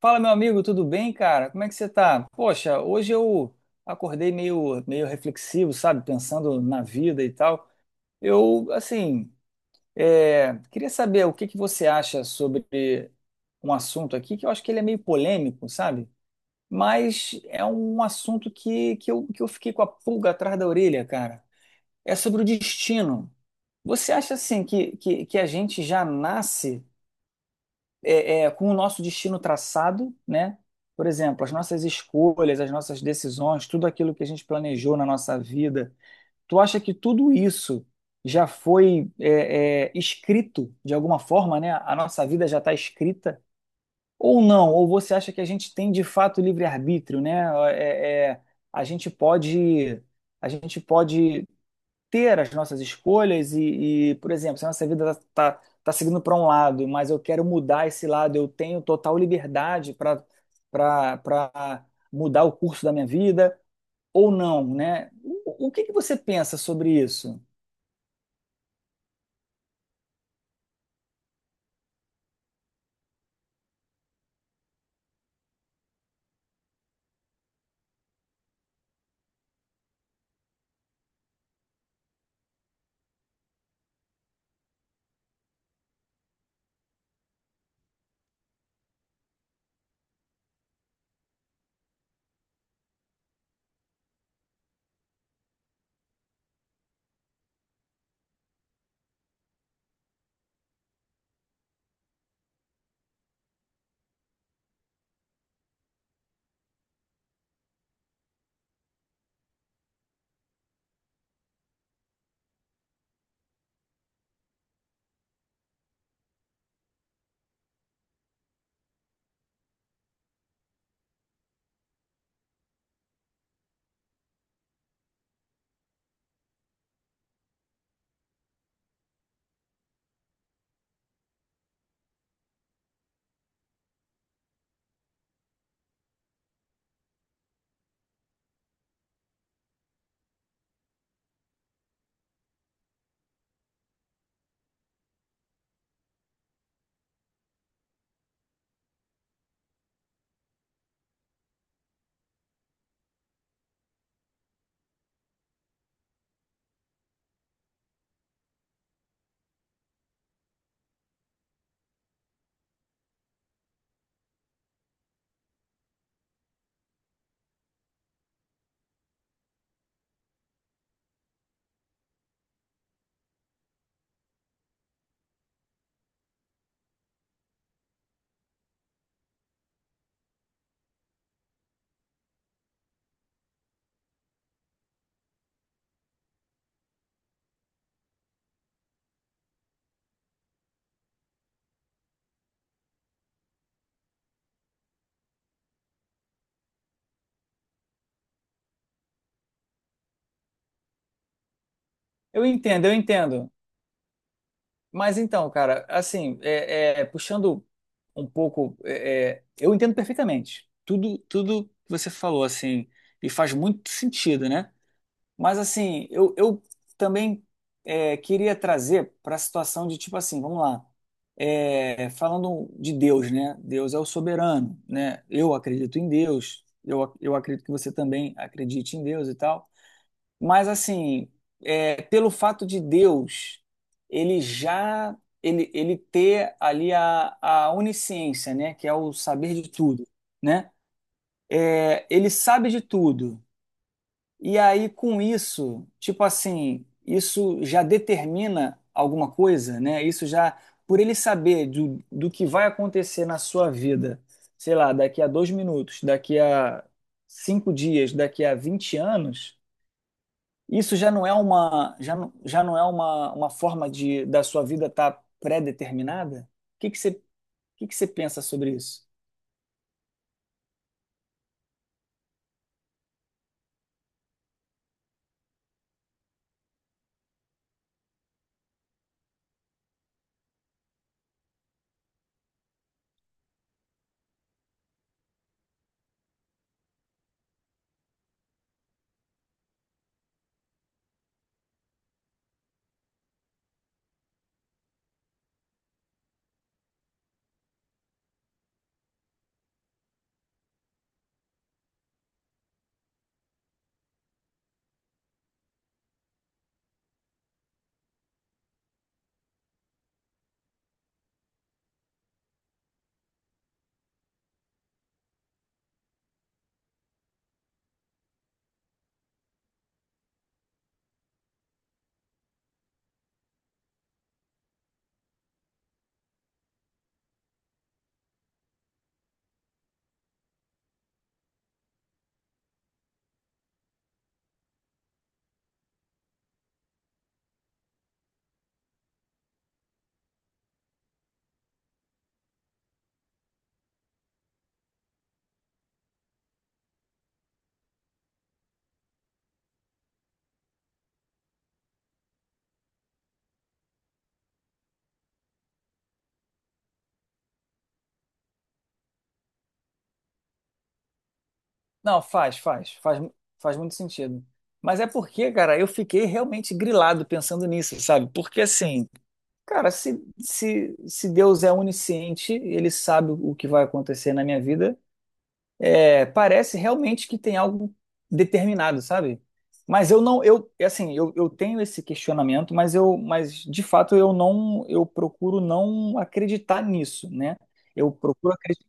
Fala, meu amigo, tudo bem, cara? Como é que você tá? Poxa, hoje eu acordei meio reflexivo, sabe? Pensando na vida e tal. Eu, assim, queria saber o que que você acha sobre um assunto aqui que eu acho que ele é meio polêmico, sabe? Mas é um assunto que eu fiquei com a pulga atrás da orelha, cara. É sobre o destino. Você acha, assim, que a gente já nasce com o nosso destino traçado, né? Por exemplo, as nossas escolhas, as nossas decisões, tudo aquilo que a gente planejou na nossa vida. Tu acha que tudo isso já foi escrito de alguma forma, né? A nossa vida já está escrita? Ou não? Ou você acha que a gente tem de fato livre-arbítrio, né? É, é, a gente pode, a gente pode ter as nossas escolhas por exemplo, se a nossa vida está seguindo para um lado, mas eu quero mudar esse lado, eu tenho total liberdade para para mudar o curso da minha vida ou não, né? O que que você pensa sobre isso? Eu entendo. Mas então, cara, assim, puxando um pouco, eu entendo perfeitamente tudo que você falou, assim, e faz muito sentido, né? Mas assim, eu também queria trazer para a situação de tipo assim, vamos lá, é, falando de Deus, né? Deus é o soberano, né? Eu acredito em Deus, eu acredito que você também acredite em Deus e tal. Mas assim, é, pelo fato de Deus, ele já ele ter ali a onisciência, né? Que é o saber de tudo, né? É, ele sabe de tudo. E aí, com isso, tipo assim, isso já determina alguma coisa, né? Isso já, por ele saber do que vai acontecer na sua vida, sei lá, daqui a dois minutos, daqui a cinco dias, daqui a 20 anos, isso já não é uma, já não é uma forma de da sua vida estar pré-determinada? O que que você pensa sobre isso? Não, faz muito sentido. Mas é porque, cara, eu fiquei realmente grilado pensando nisso, sabe? Porque assim, cara, se Deus é onisciente, ele sabe o que vai acontecer na minha vida, é, parece realmente que tem algo determinado, sabe? Mas eu não, eu, assim, eu tenho esse questionamento, mas mas de fato eu procuro não acreditar nisso, né? Eu procuro acreditar.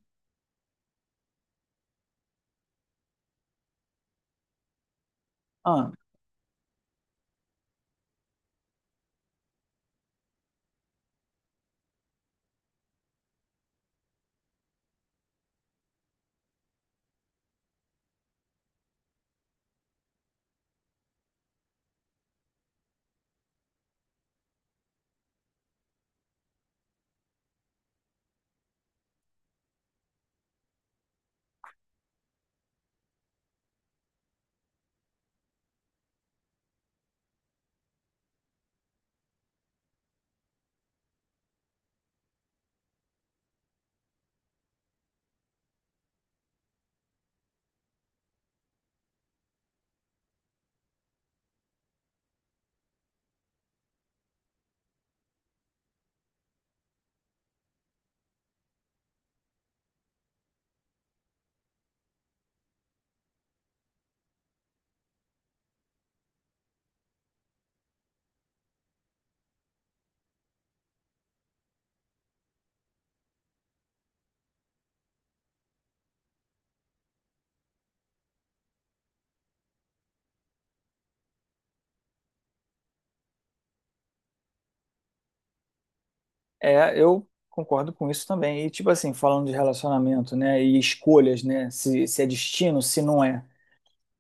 É, eu concordo com isso também. E, tipo assim, falando de relacionamento, né, e escolhas, né, se é destino, se não é.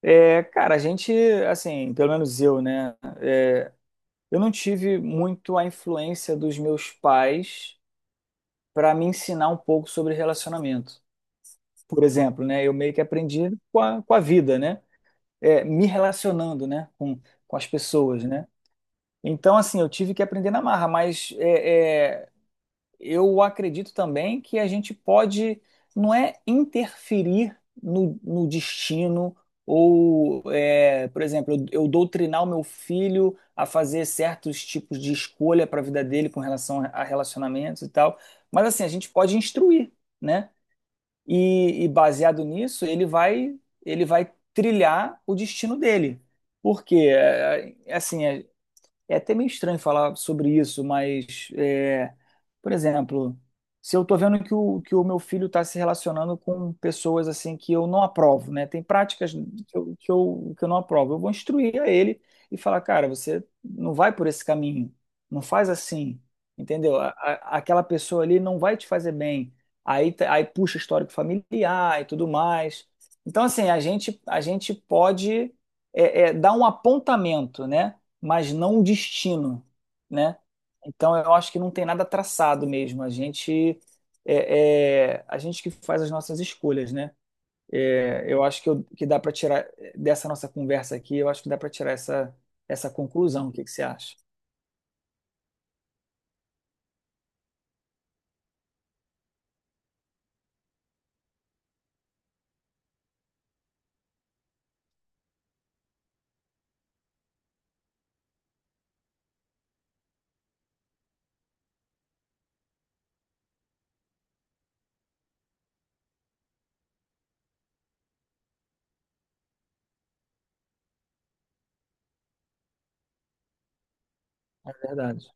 É, cara, a gente, assim, pelo menos eu, né, é, eu não tive muito a influência dos meus pais para me ensinar um pouco sobre relacionamento. Por exemplo, né, eu meio que aprendi com a vida, né, é, me relacionando, né, com as pessoas, né. Então, assim, eu tive que aprender na marra, mas eu acredito também que a gente pode, não é interferir no destino, ou, é, por exemplo, eu doutrinar o meu filho a fazer certos tipos de escolha para a vida dele com relação a relacionamentos e tal. Mas assim, a gente pode instruir, né? E baseado nisso, ele vai trilhar o destino dele. Porque, assim, é até meio estranho falar sobre isso, mas, é, por exemplo, se eu tô vendo que o meu filho está se relacionando com pessoas assim que eu não aprovo, né? Tem práticas que eu não aprovo. Eu vou instruir a ele e falar, cara, você não vai por esse caminho, não faz assim, entendeu? Aquela pessoa ali não vai te fazer bem. Aí, aí puxa histórico familiar e tudo mais. Então, assim, a gente pode dar um apontamento, né? Mas não um destino, né? Então eu acho que não tem nada traçado mesmo. A gente a gente que faz as nossas escolhas, né? É, eu acho que dá para tirar dessa nossa conversa aqui, eu acho que dá para tirar essa conclusão. O que que você acha? É verdade.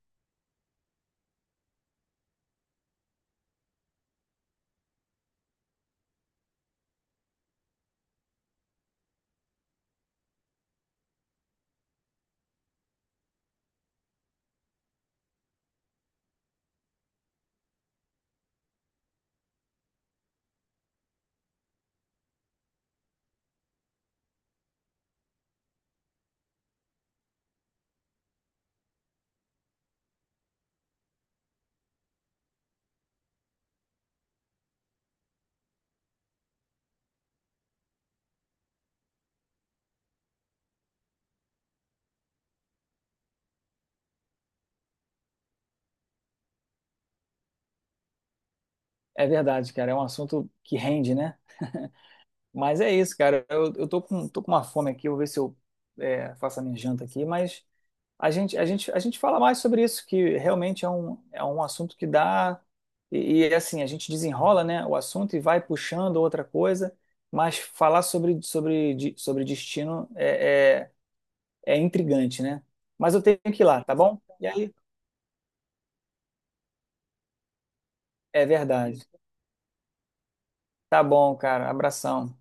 É verdade, cara. É um assunto que rende, né? Mas é isso, cara. Tô com uma fome aqui. Eu vou ver se eu faço a minha janta aqui, mas a gente fala mais sobre isso, que realmente é um assunto que dá. E, é assim, a gente desenrola, né, o assunto e vai puxando outra coisa, mas falar sobre destino é, é intrigante, né? Mas eu tenho que ir lá, tá bom? E aí, é verdade. Tá bom, cara. Abração.